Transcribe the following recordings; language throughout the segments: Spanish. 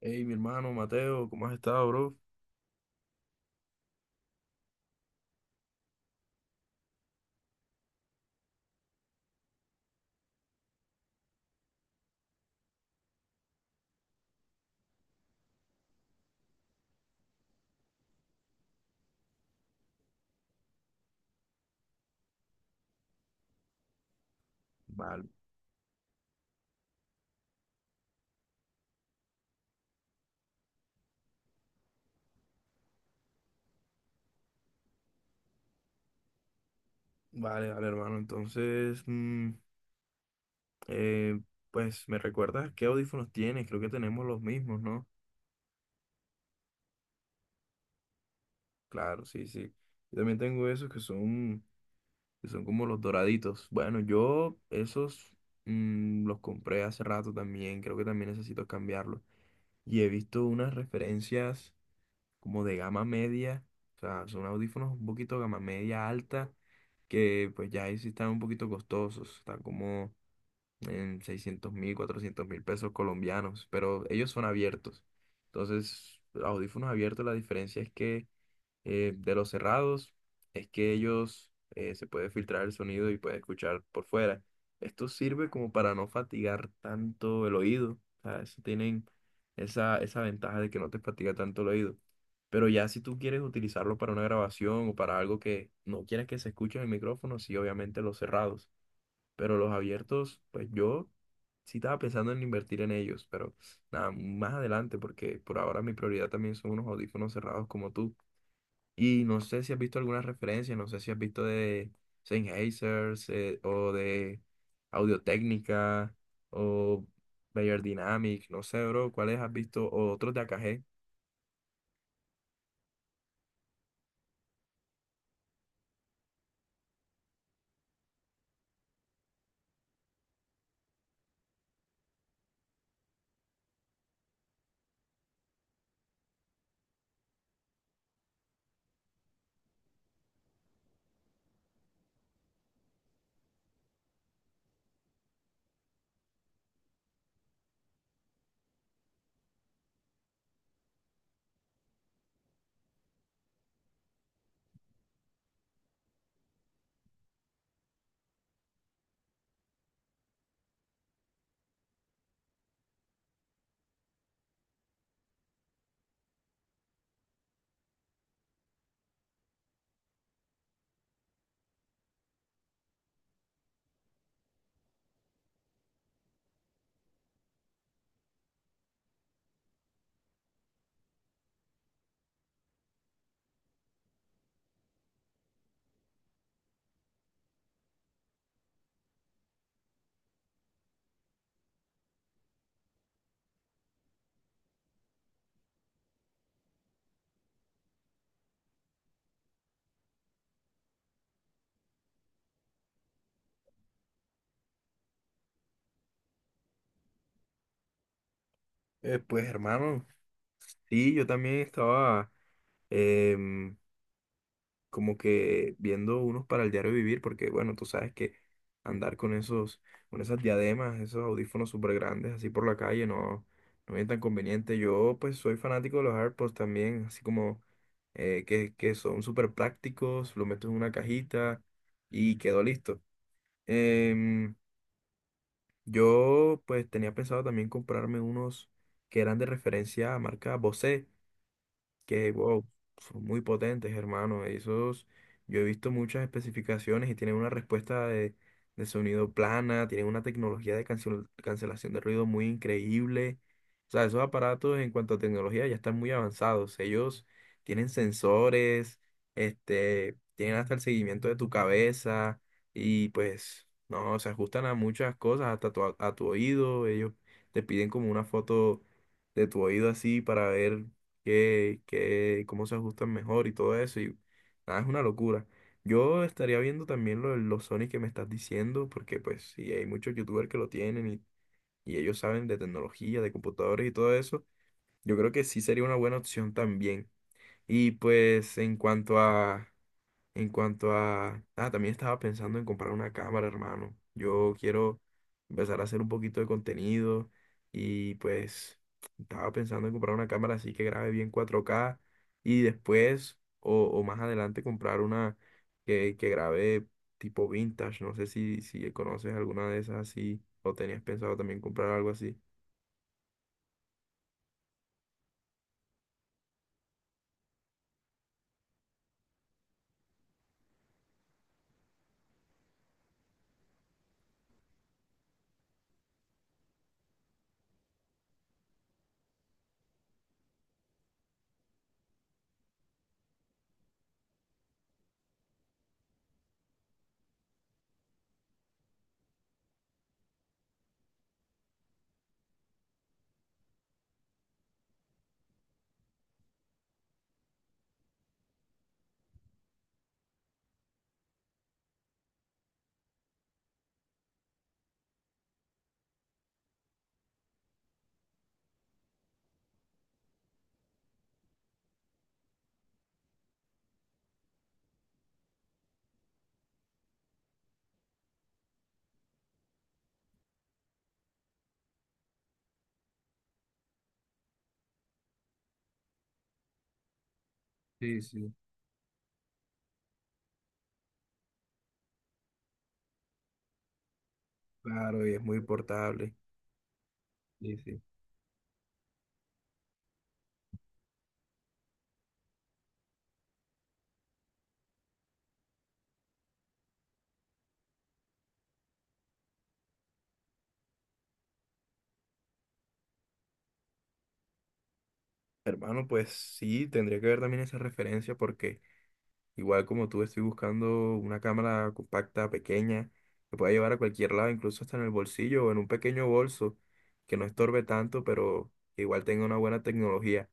Hey, mi hermano Mateo, ¿cómo has estado, bro? Vale, vale, vale, hermano. Entonces, eh, pues, ¿me recuerdas qué audífonos tienes? Creo que tenemos los mismos, ¿no? Claro, sí, sí. Yo también tengo que son como los doraditos. Bueno, yo esos los compré hace rato también. Creo que también necesito cambiarlos. Y he visto unas referencias como de gama media, o sea, son audífonos un poquito gama media alta, que pues ya ahí sí están un poquito costosos, están como en 600.000, 400.000 pesos colombianos, pero ellos son abiertos. Entonces, audífonos abiertos, la diferencia es que de los cerrados es que ellos se puede filtrar el sonido y puede escuchar por fuera. Esto sirve como para no fatigar tanto el oído. O sea, eso tienen esa ventaja de que no te fatiga tanto el oído. Pero ya si tú quieres utilizarlo para una grabación o para algo que no quieres que se escuche en el micrófono, sí, obviamente los cerrados. Pero los abiertos, pues yo sí estaba pensando en invertir en ellos, pero nada, más adelante, porque por ahora mi prioridad también son unos audífonos cerrados como tú. Y no sé si has visto alguna referencia, no sé si has visto de o de Audio-Técnica o Bayer Dynamic, no sé, bro, cuáles has visto o otros de AKG. Pues hermano, sí, yo también estaba em, como que viendo unos para el diario vivir, porque bueno, tú sabes que andar con esos, con esas diademas, esos audífonos súper grandes así por la calle no, no es tan conveniente. Yo pues soy fanático de los AirPods también, así como que son súper prácticos, lo meto en una cajita y quedó listo. Em, yo pues tenía pensado también comprarme unos que eran de referencia a marca Bose que, wow, son muy potentes, hermano. Esos, yo he visto muchas especificaciones y tienen una respuesta de sonido plana, tienen una tecnología de cancelación de ruido muy increíble. O sea, esos aparatos en cuanto a tecnología ya están muy avanzados. Ellos tienen sensores, este, tienen hasta el seguimiento de tu cabeza y pues, no, se ajustan a muchas cosas, a tu oído. Ellos te piden como una foto de tu oído así para ver que cómo se ajustan mejor y todo eso. Y nada, es una locura. Yo estaría viendo también de los Sony que me estás diciendo, porque pues sí, hay muchos youtubers que lo tienen y ellos saben de tecnología, de computadores y todo eso. Yo creo que sí sería una buena opción también. Y pues en cuanto a... Ah, también estaba pensando en comprar una cámara, hermano. Yo quiero empezar a hacer un poquito de contenido y pues estaba pensando en comprar una cámara así que grabe bien 4K y después o más adelante comprar una que grabe tipo vintage. No sé si conoces alguna de esas así o tenías pensado también comprar algo así. Sí, sí. Claro, y es muy portable. Sí, sí. Hermano, pues sí, tendría que ver también esa referencia porque... Igual como tú estoy buscando una cámara compacta, pequeña, que pueda llevar a cualquier lado, incluso hasta en el bolsillo o en un pequeño bolso, que no estorbe tanto, pero que igual tenga una buena tecnología.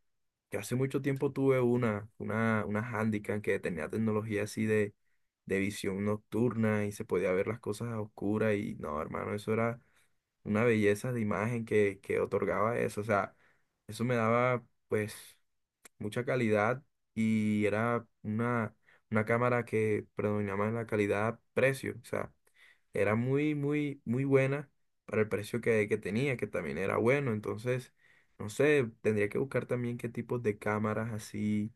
Yo hace mucho tiempo tuve una Handycam que tenía tecnología así de visión nocturna y se podía ver las cosas a oscuras y no, hermano, eso era una belleza de imagen que otorgaba eso. O sea, eso me daba pues mucha calidad y era una cámara que predominaba en la calidad-precio. O sea, era muy, muy, muy buena para el precio que tenía, que también era bueno. Entonces, no sé, tendría que buscar también qué tipos de cámaras así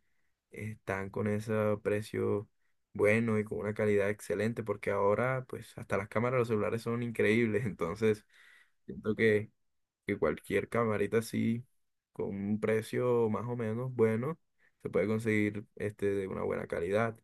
están con ese precio bueno y con una calidad excelente, porque ahora, pues, hasta las cámaras de los celulares son increíbles. Entonces, siento que cualquier camarita así, con un precio más o menos bueno, se puede conseguir este de una buena calidad.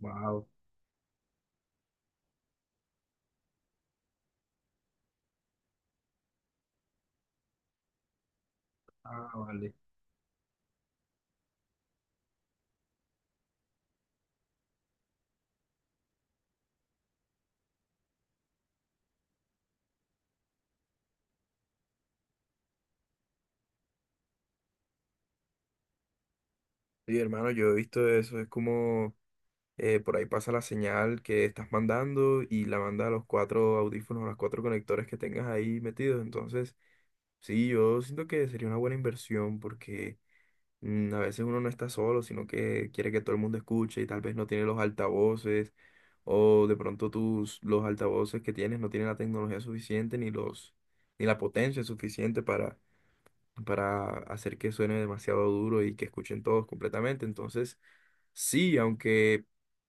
Wow. Ah, vale. Sí, hermano, yo he visto eso, es como por ahí pasa la señal que estás mandando y la manda a los cuatro audífonos, a los cuatro conectores que tengas ahí metidos. Entonces, sí, yo siento que sería una buena inversión porque a veces uno no está solo, sino que quiere que todo el mundo escuche y tal vez no tiene los altavoces. O de pronto los altavoces que tienes no tienen la tecnología suficiente ni ni la potencia suficiente para hacer que suene demasiado duro y que escuchen todos completamente. Entonces, sí, aunque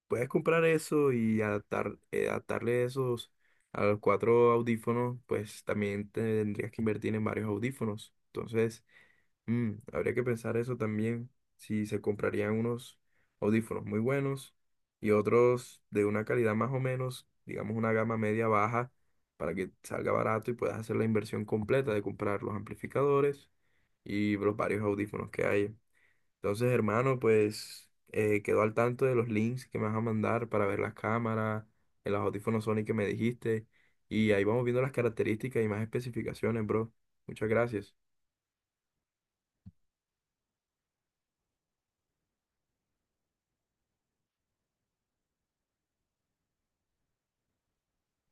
puedes comprar eso y adaptarle esos a los cuatro audífonos, pues también tendrías que invertir en varios audífonos. Entonces, mm, habría que pensar eso también, si se comprarían unos audífonos muy buenos y otros de una calidad más o menos, digamos una gama media baja, para que salga barato y puedas hacer la inversión completa de comprar los amplificadores y los varios audífonos que hay. Entonces, hermano, pues quedo al tanto de los links que me vas a mandar para ver las cámaras, en los audífonos Sony que me dijiste, y ahí vamos viendo las características y más especificaciones, bro. Muchas gracias.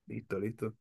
Listo, listo.